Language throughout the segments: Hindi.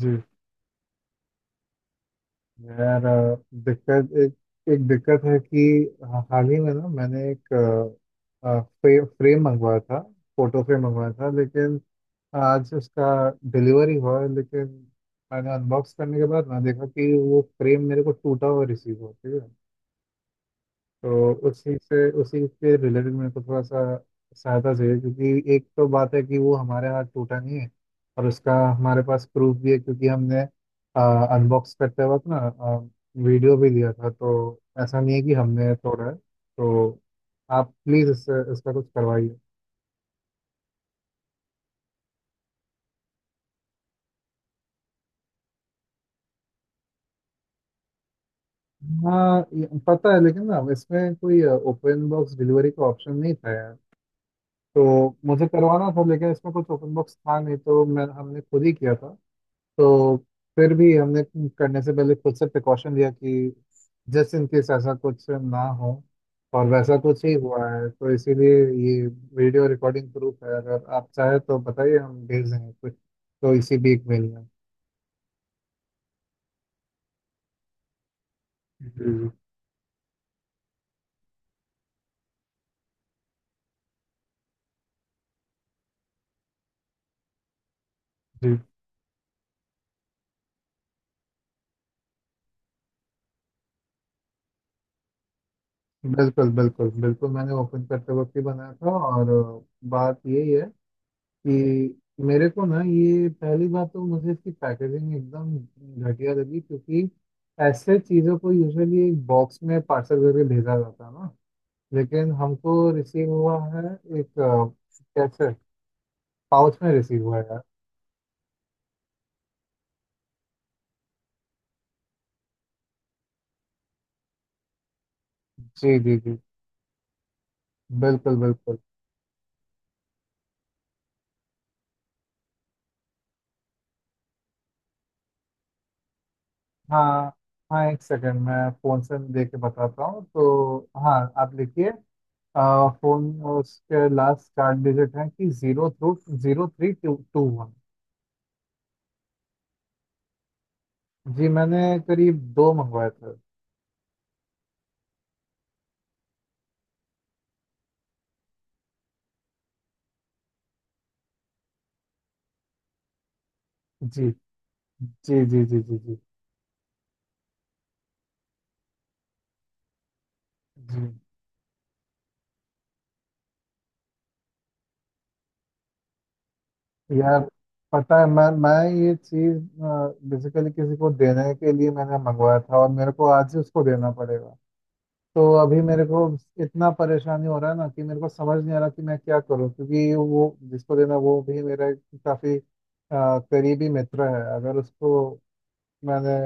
जी। यार, दिक्कत एक एक दिक्कत है कि हाल ही में ना मैंने एक फ्रेम मंगवाया था। फोटो फ्रेम मंगवाया था, लेकिन आज उसका डिलीवरी हुआ है, लेकिन मैंने अनबॉक्स करने के बाद ना देखा कि वो फ्रेम मेरे को टूटा हुआ रिसीव हुआ। ठीक है, तो उसी के रिलेटेड मेरे को थोड़ा सा सहायता चाहिए, क्योंकि एक तो बात है कि वो हमारे हाथ टूटा नहीं है, और उसका हमारे पास प्रूफ भी है क्योंकि हमने अनबॉक्स करते वक्त ना वीडियो भी लिया था। तो ऐसा नहीं है कि हमने तोड़ा है, तो आप प्लीज़ इससे इसका कुछ करवाइए। हाँ, ये पता है, लेकिन ना इसमें कोई ओपन बॉक्स डिलीवरी का ऑप्शन नहीं था, यार। तो मुझे करवाना था, लेकिन इसमें कुछ ओपन बॉक्स था नहीं, तो मैं हमने खुद ही किया था। तो फिर भी हमने करने से पहले खुद से प्रिकॉशन लिया कि जस्ट इन केस ऐसा कुछ ना हो, और वैसा कुछ ही हुआ है, तो इसीलिए ये वीडियो रिकॉर्डिंग प्रूफ है। अगर आप चाहे तो बताइए, हम भेज देंगे कुछ तो इसी भी एक मेल में। जी। जी, बिल्कुल बिल्कुल बिल्कुल, मैंने ओपन करते वक्त ही बनाया था। और बात यही है कि मेरे को ना, ये पहली बात, तो मुझे इसकी पैकेजिंग एकदम घटिया लगी, क्योंकि ऐसे चीज़ों को यूजुअली एक बॉक्स में पार्सल करके भेजा जाता है ना, लेकिन हमको रिसीव हुआ है एक कैसे पाउच में रिसीव हुआ है, यार। जी जी जी, बिल्कुल बिल्कुल। हाँ हाँ, एक सेकंड, मैं फ़ोन से दे के बताता हूँ तो। हाँ, आप लिखिए। फ़ोन उसके लास्ट चार डिजिट हैं कि zero three two two one. जी, मैंने करीब दो मंगवाए थे। जी जी जी जी जी। जी। जी, यार, पता है, मैं ये चीज़ बेसिकली किसी को देने के लिए मैंने मंगवाया था, और मेरे को आज ही उसको देना पड़ेगा। तो अभी मेरे को इतना परेशानी हो रहा है ना कि मेरे को समझ नहीं आ रहा कि मैं क्या करूं, क्योंकि वो जिसको देना वो भी मेरा एक काफी करीबी मित्र है। अगर उसको मैंने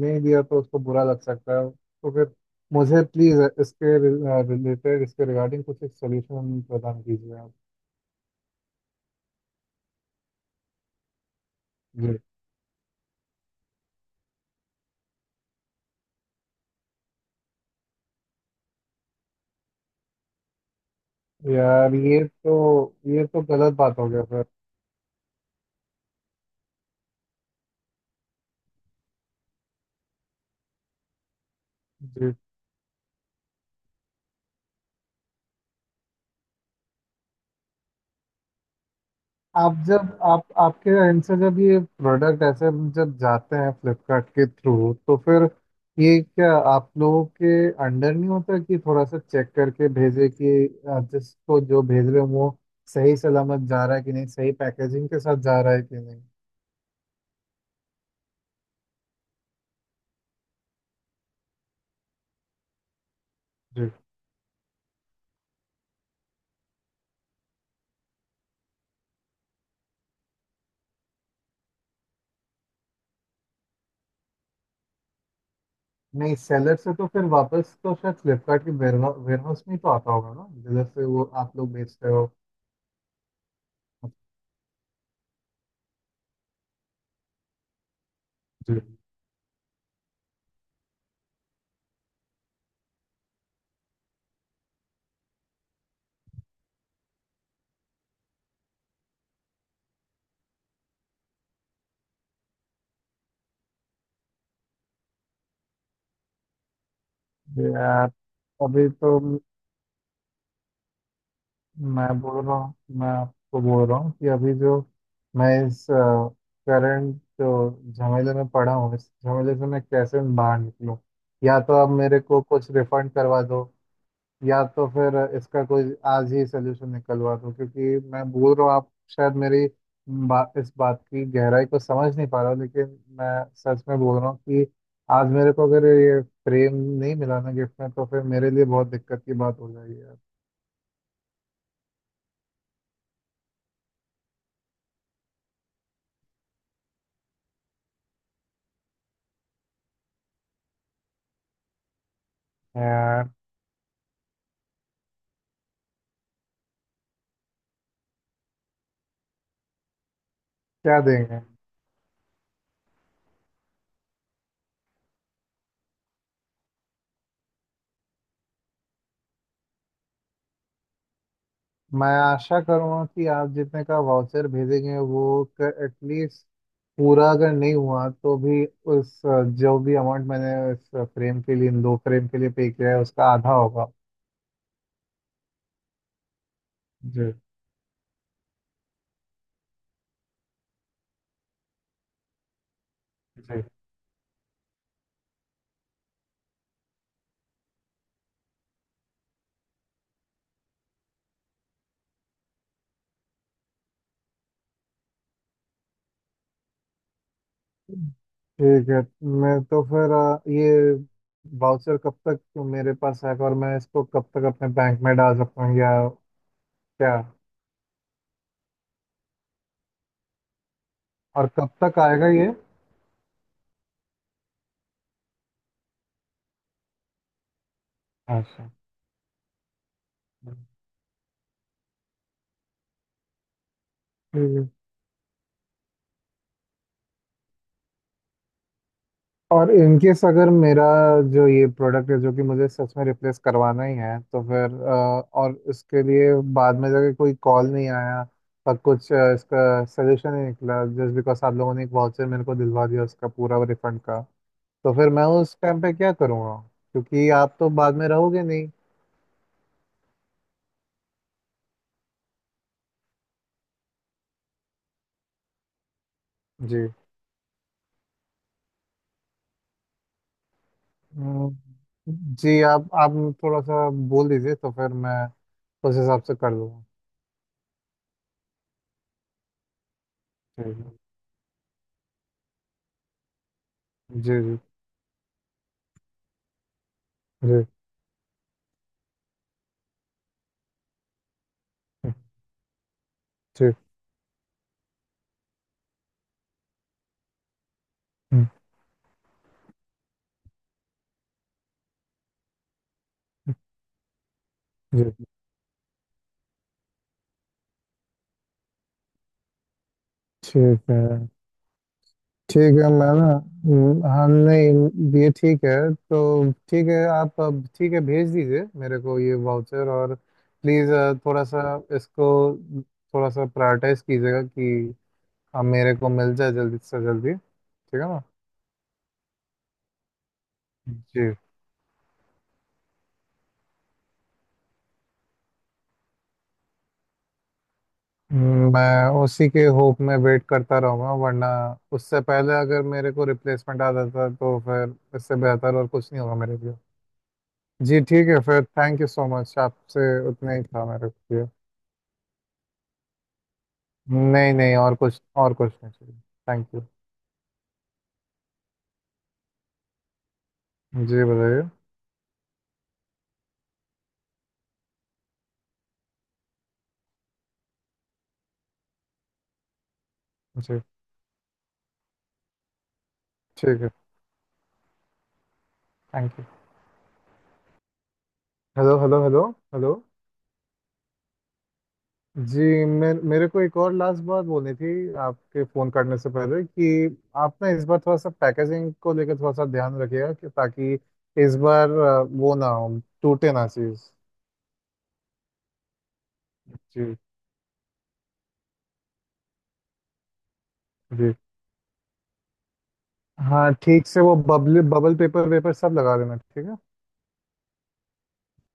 नहीं दिया तो उसको बुरा लग सकता है, तो फिर मुझे प्लीज़ इसके रिगार्डिंग कुछ एक सोल्यूशन प्रदान कीजिए आप। जी, यार, ये तो गलत बात हो गया, सर। जी, आप, जब आप आपके एंड से जब ये प्रोडक्ट ऐसे जब जाते हैं फ्लिपकार्ट के थ्रू, तो फिर ये क्या आप लोगों के अंडर नहीं होता कि थोड़ा सा चेक करके भेजे कि जिसको जो भेज रहे हो वो सही सलामत जा रहा है कि नहीं, सही पैकेजिंग के साथ जा रहा है कि नहीं। जी नहीं, सेलर से तो फिर वापस तो शायद फ्लिपकार्ट के वेयर हाउस में ही तो आता होगा ना, जिधर से वो आप लोग बेचते हो। जी। जी, यार, अभी तो मैं बोल रहा हूँ मैं आपको बोल रहा हूँ कि अभी जो मैं इस करंट जो झमेले में पड़ा हूँ, इस झमेले से मैं कैसे बाहर निकलूँ। या तो आप मेरे को कुछ रिफंड करवा दो, या तो फिर इसका कोई आज ही सोल्यूशन निकलवा दो, क्योंकि मैं बोल रहा हूँ आप शायद मेरी इस बात की गहराई को समझ नहीं पा रहा हो, लेकिन मैं सच में बोल रहा हूँ कि आज मेरे को अगर ये फ्रेम नहीं मिला ना गिफ्ट में, तो फिर मेरे लिए बहुत दिक्कत की बात हो जाएगी, यार। यार, क्या देंगे? मैं आशा करूँगा कि आप जितने का वाउचर भेजेंगे, वो एटलीस्ट, पूरा अगर नहीं हुआ तो भी, उस जो भी अमाउंट मैंने इस फ्रेम के लिए, इन दो फ्रेम के लिए पे किया है, उसका आधा होगा। जी। जी, ठीक है। मैं तो फिर ये वाउचर कब तक मेरे पास है, और मैं इसको कब तक अपने बैंक में डाल सकता हूँ, या क्या? और कब तक आएगा ये? अच्छा, ठीक है। और इन केस अगर मेरा जो ये प्रोडक्ट है जो कि मुझे सच में रिप्लेस करवाना ही है, तो फिर और इसके लिए बाद में जाके कोई कॉल नहीं आया और कुछ इसका सजेशन नहीं निकला, जस्ट बिकॉज आप लोगों ने एक वाउचर मेरे को दिलवा दिया उसका पूरा रिफंड का, तो फिर मैं उस टाइम पे क्या करूँगा, क्योंकि आप तो बाद में रहोगे नहीं। जी। हम्म। जी, आप थोड़ा सा बोल दीजिए तो फिर मैं उस हिसाब से कर लूँगा। ठीक है। जी जी जी। ठीक। हम्म। जी, ठीक है। ठीक है, मैं ना, हाँ, नहीं, ये ठीक है, तो ठीक है, आप अब, ठीक है, भेज दीजिए मेरे को ये वाउचर। और प्लीज़ थोड़ा सा इसको थोड़ा सा प्रायोरिटाइज कीजिएगा कि अब मेरे को मिल जाए जल्दी से जल्दी। ठीक है ना? जी। मैं उसी के होप में वेट करता रहूँगा, वरना उससे पहले अगर मेरे को रिप्लेसमेंट आ जाता तो फिर इससे बेहतर और कुछ नहीं होगा मेरे लिए। जी, ठीक है, फिर थैंक यू सो मच, आपसे उतना ही था मेरे लिए। नहीं नहीं, और कुछ नहीं चाहिए। Thank you. जी, बताइए। जी, ठीक है। Thank you. Hello hello hello. Hello. जी, मैं, मेरे को एक और लास्ट बात बोलनी थी आपके फ़ोन करने से पहले, कि आप ना इस बार थोड़ा सा पैकेजिंग को लेकर थोड़ा सा ध्यान रखिएगा, कि ताकि इस बार वो ना हो, टूटे ना चीज़। जी। जी, हाँ, ठीक से वो बबल बबल पेपर वेपर सब लगा देना, ठीक है।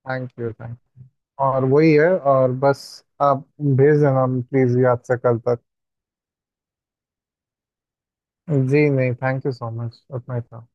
Thank you. थैंक और वही है, और बस, आप भेज देना प्लीज़ याद से कल तक। जी नहीं, थैंक यू सो मच, उतना ही था।